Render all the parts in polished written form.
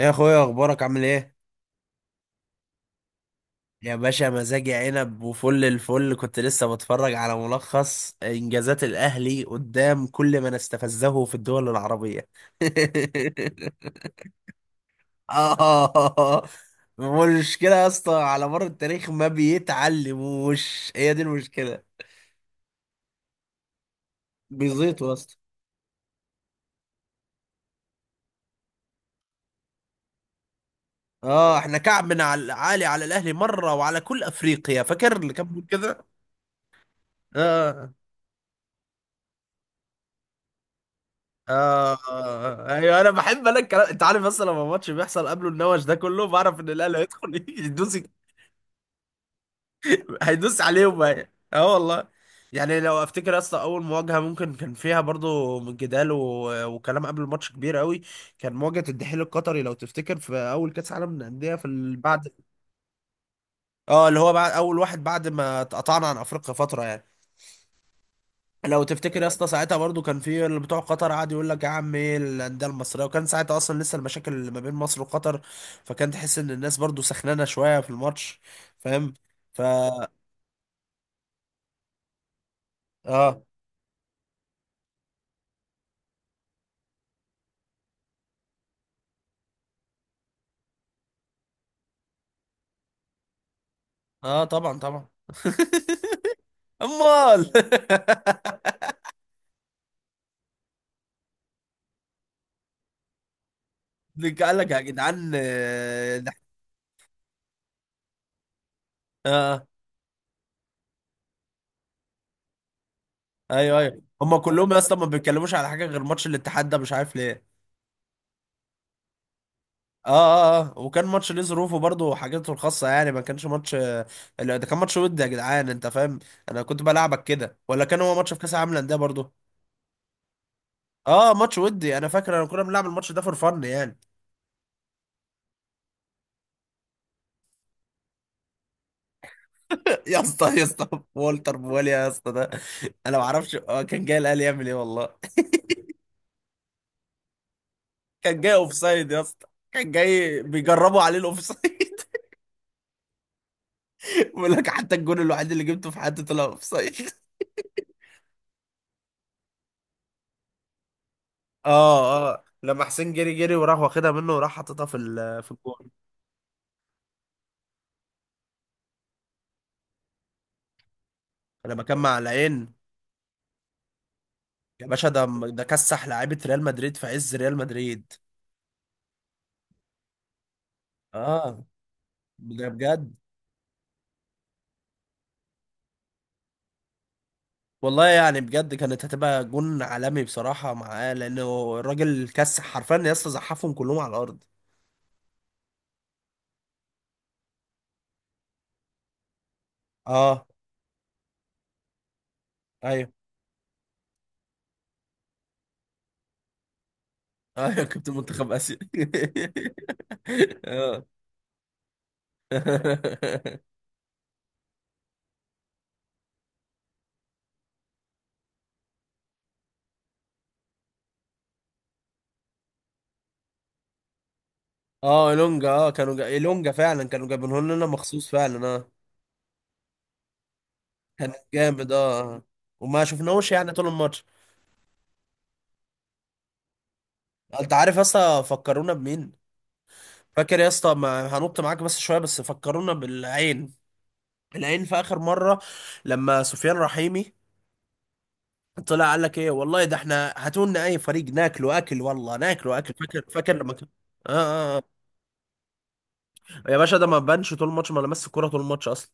ايه يا اخويا، اخبارك؟ عامل ايه؟ يا باشا، مزاجي عنب وفل الفل. كنت لسه بتفرج على ملخص انجازات الاهلي قدام كل من استفزه في الدول العربية. اه. المشكلة يا اسطى على مر التاريخ ما بيتعلموش، هي دي المشكلة. بيزيطوا يا اسطى. اه، احنا كعب من عالي على الاهلي مرة وعلى كل افريقيا. فاكر اللي كان بيقول كده؟ اه ايوه، انا بحب انا الكلام. انت عارف، مثلا لما الماتش بيحصل، قبله النوش ده كله بعرف ان الاهلي هيدخل يدوس. هيدوس عليهم بقى، اه والله. يعني لو افتكر اصلا، اول مواجهه ممكن كان فيها برضو من جدال و... وكلام قبل الماتش كبير قوي، كان مواجهه الدحيل القطري. لو تفتكر في اول كاس عالم للانديه في بعد، اه، اللي هو بعد اول واحد بعد ما اتقطعنا عن افريقيا فتره يعني. لو تفتكر يا اسطى، ساعتها برضو كان في اللي بتوع قطر قعد يقول لك يا عم ايه الانديه المصريه، وكان ساعتها اصلا لسه المشاكل اللي ما بين مصر وقطر، فكان تحس ان الناس برضو سخنانه شويه في الماتش، فاهم؟ ف اه اه طبعا طبعا. امال. قال لك يا جدعان، اه آه، ايوه ايوه، هم كلهم يا اسطى ما بيتكلموش على حاجه غير ماتش الاتحاد ده، مش عارف ليه. وكان ماتش ليه ظروفه برضه وحاجته الخاصه، يعني ما كانش ماتش. لا، ده كان ماتش ودي يا جدعان، انت فاهم؟ انا كنت بلعبك كده، ولا كان هو ماتش في كاس العالم للانديه برضه؟ اه، ماتش ودي. انا فاكر انا كنا بنلعب الماتش ده فور فن يعني. يا اسطى يا اسطى، والتر بواليا يا اسطى ده! انا ما اعرفش، كان جاي الاهلي يعمل ايه والله. كان جاي اوف سايد يا اسطى، كان جاي بيجربوا عليه الاوف سايد. بيقول لك حتى الجون الوحيد اللي جبته في حياتي طلع اوف سايد. اه اه، لما حسين جري جري وراح واخدها منه وراح حاططها في الجون. لما كان مع العين، يا باشا ده كسح لعيبه ريال مدريد في عز ريال مدريد. اه، ده بجد. والله يعني بجد كانت هتبقى جون عالمي بصراحه معاه، لانه الراجل كسح حرفيا يا اسطى، زحفهم كلهم على الارض. اه، ايوه ايوه. كنت منتخب اسيا. اه. اه، إلونجا. اه، كانوا إلونجا فعلا كانوا جايبينه لنا مخصوص فعلا، اه. كان جامد، اه. وما شفناهوش يعني طول الماتش. انت عارف اصلا فكرونا بمين؟ فاكر يا اسطى، ما هنط معاك بس شويه، بس فكرونا بالعين، العين في اخر مره لما سفيان رحيمي طلع قال لك ايه والله، ده احنا هاتوا لنا اي فريق ناكله اكل والله، ناكله اكل. فاكر، فاكر لما كان؟ آه, آه, اه يا باشا ده ما بانش طول الماتش، ما لمس الكوره طول الماتش اصلا.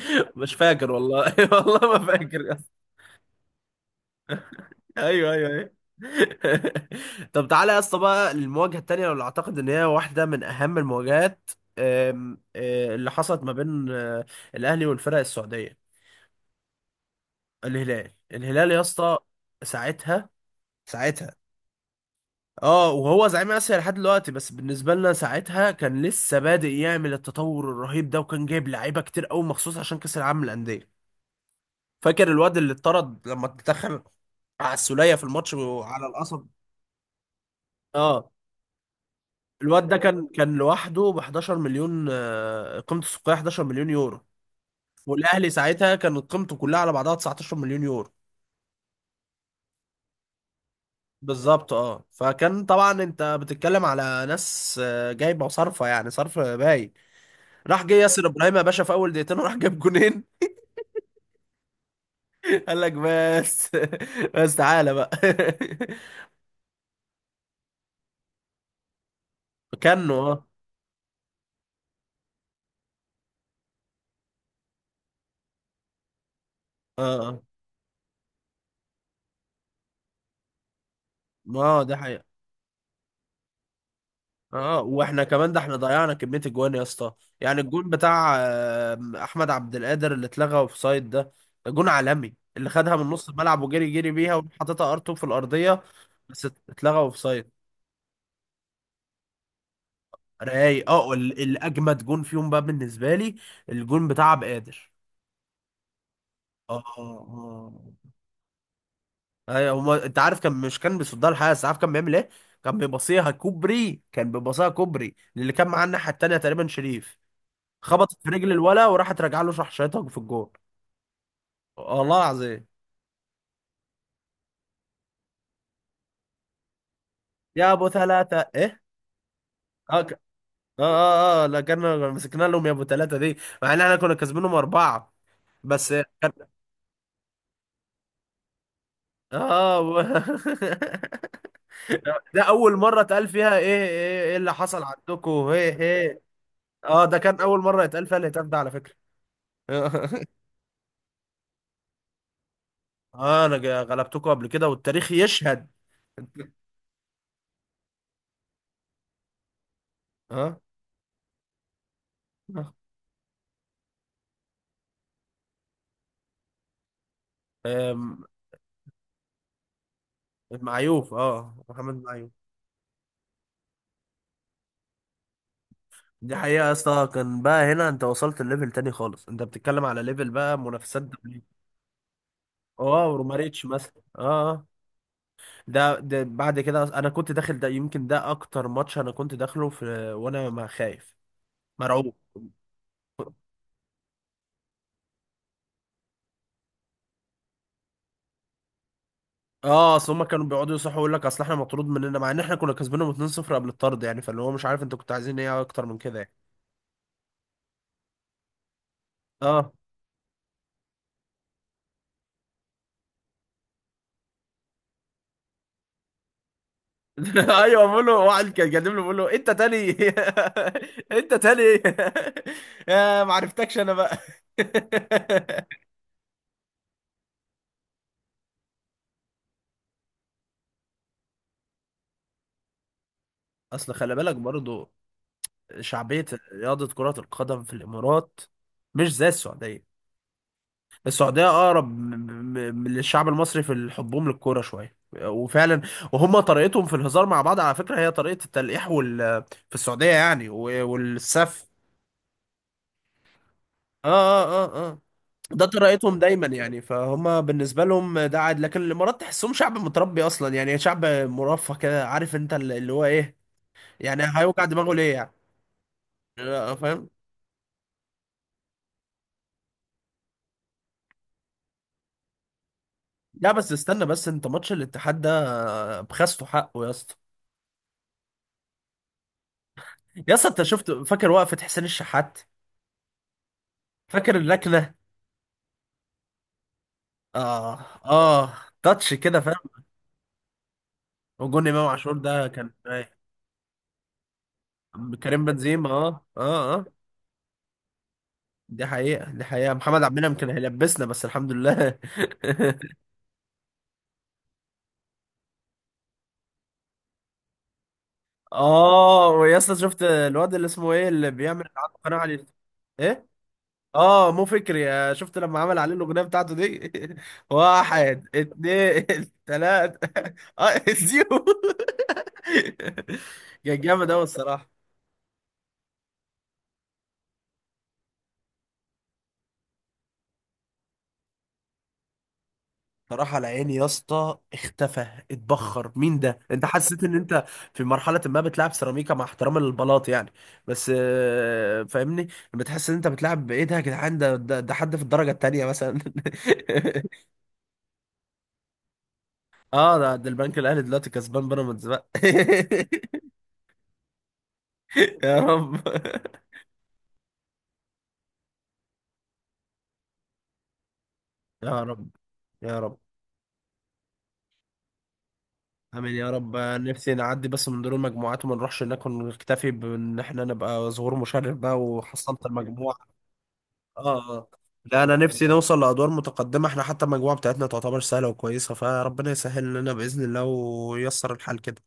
مش فاكر والله. والله ما فاكر يا اسطى، ايوه ايوه ايوه. طب تعالى يا اسطى بقى، المواجهه التانيه اللي اعتقد ان هي واحده من اهم المواجهات، آم، آه، اللي حصلت ما بين الاهلي والفرق السعوديه. الهلال، الهلال يا اسطى. ساعتها، ساعتها، اه، وهو زعيم اسيا لحد دلوقتي، بس بالنسبه لنا ساعتها كان لسه بادئ يعمل التطور الرهيب ده، وكان جايب لعيبه كتير قوي مخصوص عشان كاس العالم للانديه. فاكر الواد اللي اتطرد لما اتدخل على السوليه في الماتش وعلى القصب؟ اه. الواد ده كان لوحده ب 11 مليون، قيمته السوقيه 11 مليون يورو، والاهلي ساعتها كانت قيمته كلها على بعضها 19 مليون يورو. بالظبط. اه، فكان طبعا انت بتتكلم على ناس جايبه وصرفه، يعني صرف باي. راح جه ياسر ابراهيم يا باشا في اول دقيقتين وراح جاب جونين. قال لك بس. بس تعالى بقى. كانه، اه اه ما ده حقيقة. اه، واحنا كمان ده احنا ضيعنا كمية الجوان يا اسطى. يعني الجون بتاع احمد عبد القادر اللي اتلغى اوفسايد ده، ده جون عالمي، اللي خدها من نص الملعب وجري جري بيها وحطيتها ار2 في الارضية، بس اتلغى اوفسايد. رايق، اه. الاجمد جون فيهم بقى بالنسبه لي، الجون بتاع عبد القادر. اه اه آه. ايوه، هما انت عارف، كان مش كان بيصدها الحارس، عارف كان بيعمل ايه؟ كان بيبصيها كوبري، كان بيبصيها كوبري، اللي كان معاه الناحيه التانيه تقريبا شريف، خبطت في رجل الولا وراحت راجعه له راح شايطها في الجون، والله العظيم. يا ابو ثلاثه ايه؟ اه ك- لا، كنا مسكنا لهم يا ابو ثلاثه دي، مع ان احنا كنا كاسبينهم اربعه. بس كان، اه. ده اول مره اتقال فيها ايه ايه ايه اللي حصل عندكم ايه ايه. اه، ده كان اول مره يتقال فيها الهتاف ده على فكره. اه، انا غلبتكم قبل كده، والتاريخ يشهد. اه، آم، معيوف. اه، محمد معيوف. دي حقيقة يا اسطى، كان بقى هنا انت وصلت لليفل تاني خالص، انت بتتكلم على ليفل بقى منافسات دولية. اه، وروماريتش مثلا، اه. آه. ده بعد كده انا كنت داخل، ده يمكن ده اكتر ماتش انا كنت داخله في، وانا ما خايف، مرعوب. اه، اصل هم كانوا بيقعدوا يصحوا يقول لك اصل احنا مطرود مننا، مع ان احنا كنا كسبانهم 2-0 قبل الطرد يعني، فاللي هو مش عارف انتوا كنتوا عايزين ايه اكتر من كده يعني. اه. ايوه، بقول له واحد كان جايب له بقول له انت تاني. انت تاني. يا ما عرفتكش انا بقى. اصل خلي بالك برضو شعبية رياضة كرة القدم في الامارات مش زي السعودية. السعودية أقرب للشعب المصري في حبهم للكورة شوية وفعلا. وهم طريقتهم في الهزار مع بعض على فكرة هي طريقة التلقيح في السعودية يعني. والسف، اه اه اه اه ده طريقتهم دايما يعني، فهم بالنسبة لهم ده عادي. لكن الإمارات تحسهم شعب متربي أصلا، يعني شعب مرفه كده، عارف أنت اللي هو إيه. يعني هيوجع دماغه ليه يعني؟ لا، فاهم. لا، بس استنى بس، أنت ماتش الاتحاد ده بخسته حقه يا اسطى. يا اسطى أنت شفت؟ فاكر وقفة حسين الشحات؟ فاكر اللكنة؟ اه اه، تاتش كده، فاهم؟ وجون امام عاشور ده كان كريم بنزيما. اه دي حقيقة، دي حقيقة. محمد عبد المنعم كان هيلبسنا، بس الحمد لله. اه، ويا اسطى شفت الواد اللي اسمه ايه اللي بيعمل عنده قناة على اليوتيوب؟ ايه؟ اه، مو فكري. شفت لما عمل عليه الاغنية بتاعته دي؟ واحد اتنين تلاتة. اه، زيرو. كان جامد اوي الصراحة. صراحة على عيني يا اسطى، اختفى، اتبخر، مين ده؟ انت حسيت ان انت في مرحلة ما بتلعب سيراميكا مع احترام البلاط يعني، بس فاهمني؟ لما تحس ان انت بتلعب بايه ده يا جدعان، ده حد في الدرجة التانية مثلا. اه، ده البنك الاهلي دلوقتي كسبان بيراميدز بقى. يا رب، يا رب، يا رب. امين يا رب، نفسي نعدي بس من دور المجموعات وما نروحش هناك، ونكتفي بان احنا نبقى ظهور مشرف بقى، وحصلت المجموعة. اه اه، لا انا نفسي نوصل لادوار متقدمه. احنا حتى المجموعه بتاعتنا تعتبر سهله وكويسه، فربنا يسهل لنا باذن الله وييسر الحال كده.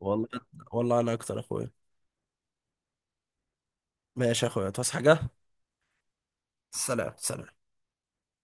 والله، والله انا اكتر يا اخويا. ماشي يا اخويا، تصحى حاجه. سلام، سلام.